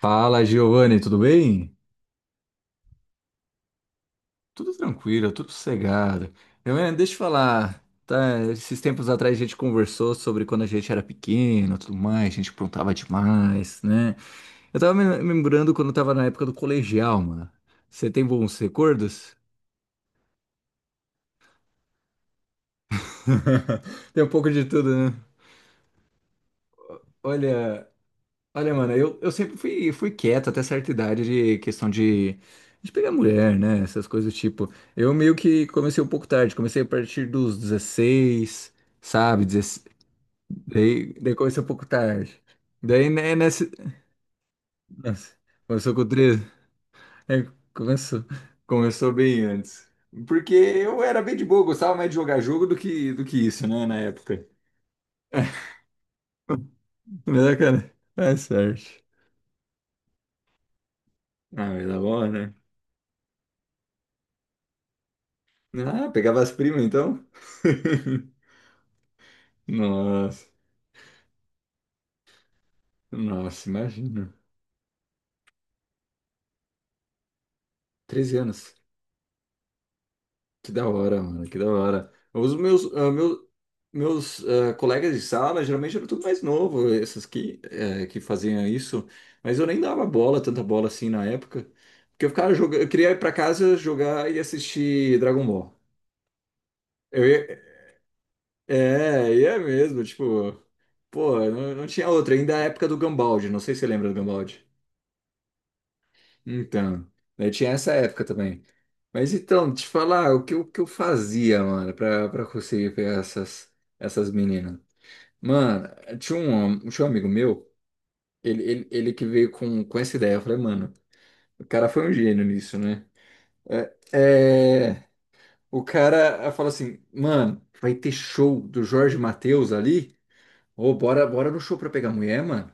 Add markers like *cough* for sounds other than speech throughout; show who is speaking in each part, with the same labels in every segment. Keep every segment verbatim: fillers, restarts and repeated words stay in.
Speaker 1: Fala, Giovanni, tudo bem? Tudo tranquilo, tudo sossegado. Eu, eh, deixa eu falar, tá, esses tempos atrás a gente conversou sobre quando a gente era pequeno, tudo mais, a gente aprontava demais, né? Eu tava me me lembrando quando eu tava na época do colegial, mano. Você tem bons recordos? *laughs* Tem um pouco de tudo, né? Olha, Olha, mano, eu, eu sempre fui, fui quieto até certa idade de questão de, de pegar mulher, né? Essas coisas do tipo. Eu meio que comecei um pouco tarde, comecei a partir dos dezesseis, sabe? dezesseis, daí, daí comecei um pouco tarde. Daí, né, nessa. Nossa, começou com treze. É, começou. Começou bem antes. Porque eu era bem de boa, gostava mais de jogar jogo do que, do que isso, né, na época. *laughs* Mas, cara, é sorte. Ah, mas tá bom, né? Ah, pegava as primas então? *laughs* Nossa, nossa, imagina. treze anos. Que da hora, mano, que da hora. Os meus, ah, meu- meus, ah, colegas de sala geralmente eram tudo mais novo, esses que, eh, que faziam isso, mas eu nem dava bola, tanta bola assim na época, porque eu ficava jogando, eu queria ir pra casa jogar e assistir Dragon Ball. Eu ia, é, ia mesmo, tipo, pô, não, não tinha outra, ainda é a época do Gambaldi, não sei se você lembra do Gambaldi. Então, eu tinha essa época também. Mas então, te falar o que, eu- o que eu fazia, mano, pra, pra conseguir pegar essas, essas meninas. Mano, tinha um, tinha um amigo meu, ele, ele, ele que veio com, com essa ideia. Eu falei, mano, o cara foi um gênio nisso, né? É, é, o cara falou assim, mano, vai ter show do Jorge Mateus ali? Ô, bora, bora no show pra pegar mulher, mano.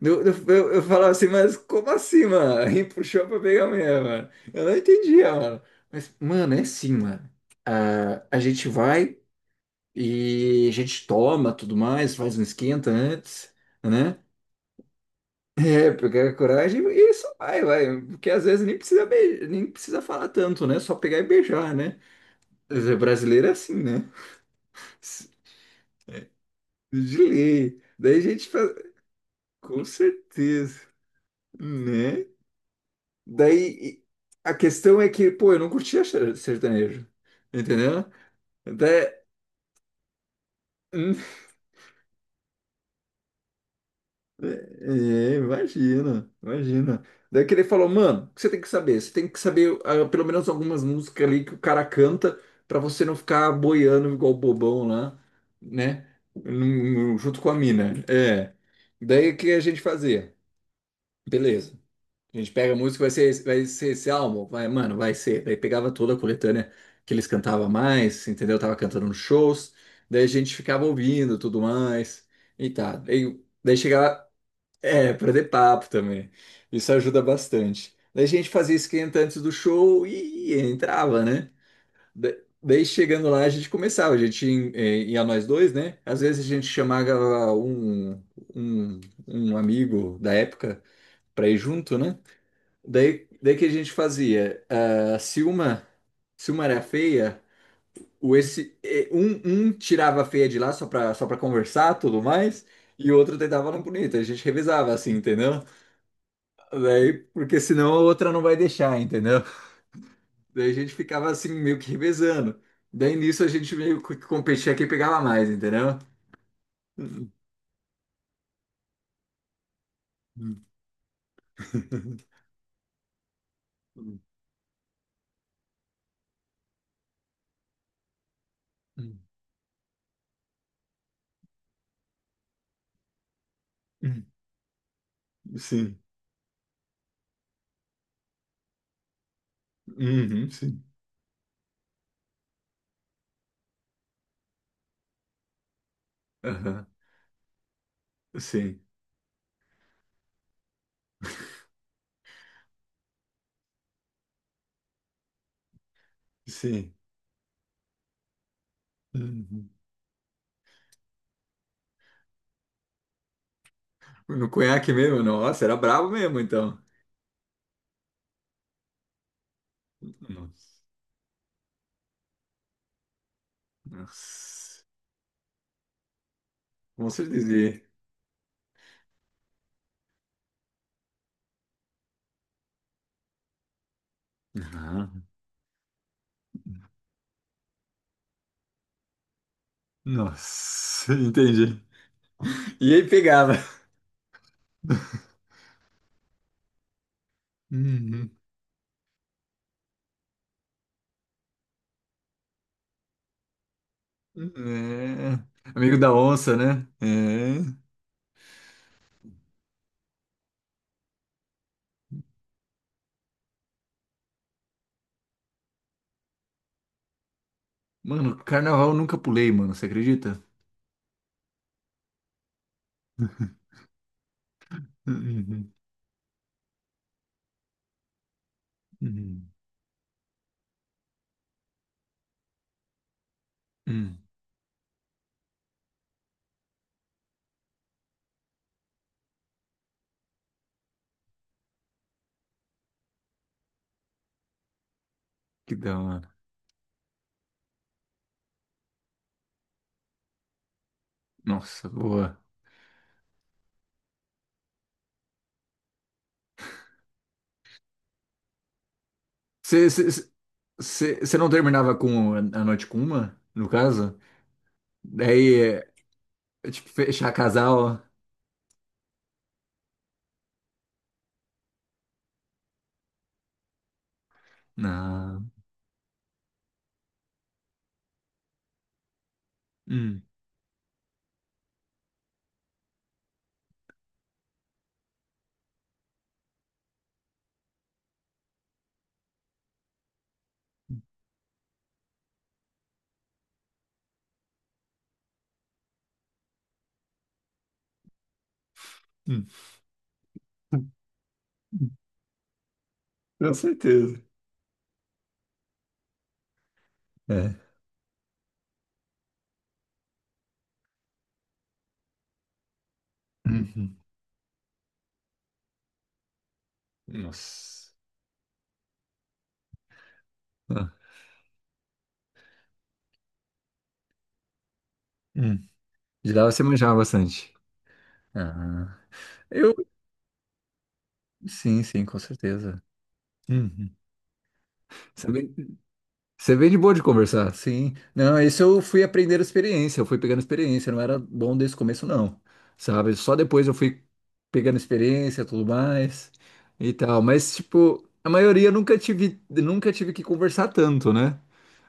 Speaker 1: Eu, eu, eu falava assim, mas como assim, mano? *laughs* E puxou pra pegar a mulher, mano. Eu não entendia, mano. Mas, mano, é assim, mano. É, a gente vai e a gente toma tudo mais, faz um esquenta antes, né? É, pegar a coragem e só vai, vai. Porque às vezes nem precisa, beijar, nem precisa falar tanto, né? Só pegar e beijar, né? Mas é brasileiro é assim, né? *laughs* De lei. Daí a gente faz... Com certeza, né? Daí a questão é que, pô, eu não curtia ser- sertanejo, entendeu? Daí, hum, *laughs* é, imagina, imagina. Daí que ele falou, mano, o que você tem que saber? Você tem que saber ah, pelo menos algumas músicas ali que o cara canta pra você não ficar boiando igual bobão lá, né? Num- num- junto com a mina. É. Daí o que a gente fazia? Beleza. A gente pega a música, vai ser, vai ser esse álbum, vai, mano, vai ser. Daí pegava toda a coletânea que eles cantavam mais, entendeu? Tava cantando nos shows, daí a gente ficava ouvindo tudo mais e tá. Daí, daí chegava, é, pra ter papo também. Isso ajuda bastante. Daí a gente fazia esquenta antes do show e entrava, né? Da- Daí chegando lá a gente começava, a gente ia, é, ia nós dois, né? Às vezes a gente chamava um, um, um amigo da época pra ir junto, né? Daí, daí que a gente fazia? ah, se uma, se uma era feia, o esse, eh, um, um tirava a feia de lá só pra, só pra conversar tudo mais, e o outro tentava na bonita. A gente revezava assim, entendeu? Daí, porque senão a outra não vai deixar, entendeu? Daí a gente ficava assim, meio que revezando. Daí nisso a gente meio que competia quem pegava mais, entendeu? *laughs* Sim. Uhum, sim. Aham. Sim. Sim. Uhum. No conhaque mesmo? Nossa, era brabo mesmo, então. Nossa. Nossa. Com certeza. Aham. Nossa, *laughs* entendi. E aí pegava. Uhum. É. Amigo da onça, né? É. Mano, carnaval eu nunca pulei, mano. Você acredita? Uhum. Uhum. Uhum. Que da hora. Nossa, boa. Você não terminava com a noite com uma, no caso? Daí, é, tipo, fechar casal? Não. Hum, hum. Com certeza. É. Uhum. Nossa. Ah, hum, de lá você manjava bastante. Ah, eu, sim, sim, com certeza. Uhum. Você é bem, você é bem de boa de conversar, sim. Não, isso eu fui aprendendo experiência, eu fui pegando experiência, eu não era bom desde o começo, não, sabe? Só depois eu fui pegando experiência, tudo mais e tal. Mas, tipo, a maioria eu nunca tive, nunca tive que conversar tanto, né?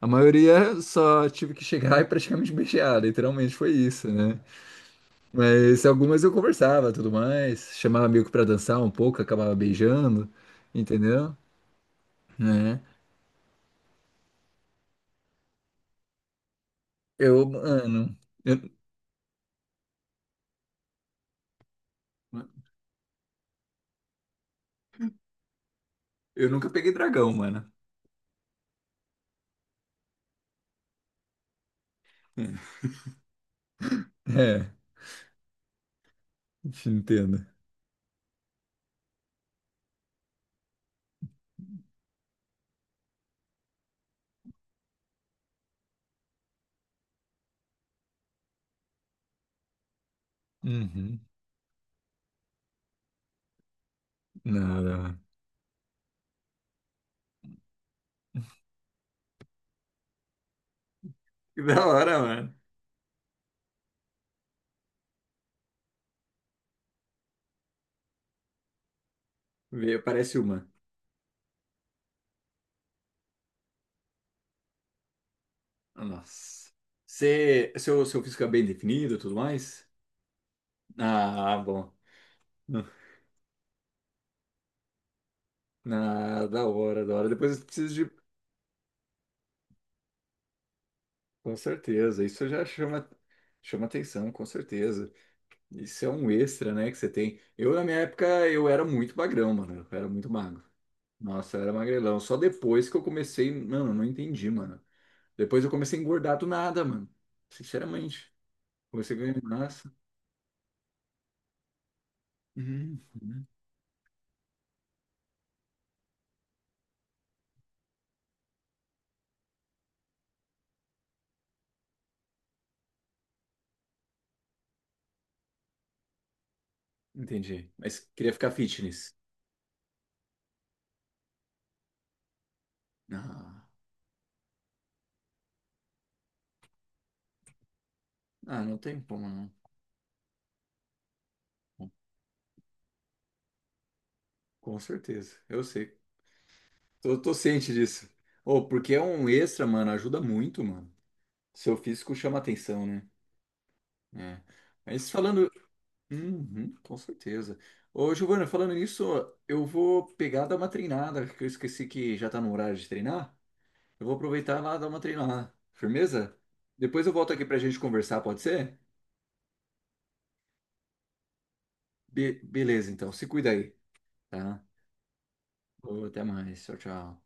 Speaker 1: A maioria só tive que chegar *laughs* e praticamente beijar, literalmente foi isso, né? Mas algumas eu conversava, tudo mais, chamava amigo pra dançar um pouco, acabava beijando, entendeu? Né? Eu, mano, eu, eu nunca peguei dragão, mano. É, te entendo. Uhum. Nada. Que da hora, mano. Vê, parece uma. Nossa. Você, seu, seu físico é bem definido e tudo mais? Ah, bom. *laughs* Na, da hora, da hora. Depois eu preciso de com certeza, isso já chama, chama atenção, com certeza. Isso é um extra, né, que você tem. Eu, na minha época, eu era muito magrão, mano. Eu era muito magro. Nossa, eu era magrelão. Só depois que eu comecei. Mano, eu não entendi, mano. Depois eu comecei a engordar do nada, mano. Sinceramente. Comecei a ganhar massa. Uhum, uhum. Entendi. Mas queria ficar fitness. Ah, ah, não tem como, não. Com certeza. Eu sei. Tô, tô ciente disso. Ô, porque é um extra, mano. Ajuda muito, mano. Seu físico chama atenção, né? É. Mas falando. Uhum, com certeza. Ô, Giovana, falando nisso, eu vou pegar dar uma treinada, que eu esqueci que já tá no horário de treinar. Eu vou aproveitar lá e dar uma treinada. Firmeza? Depois eu volto aqui pra gente conversar, pode ser? Be- beleza, então. Se cuida aí, tá? Ô, até mais. Tchau, tchau.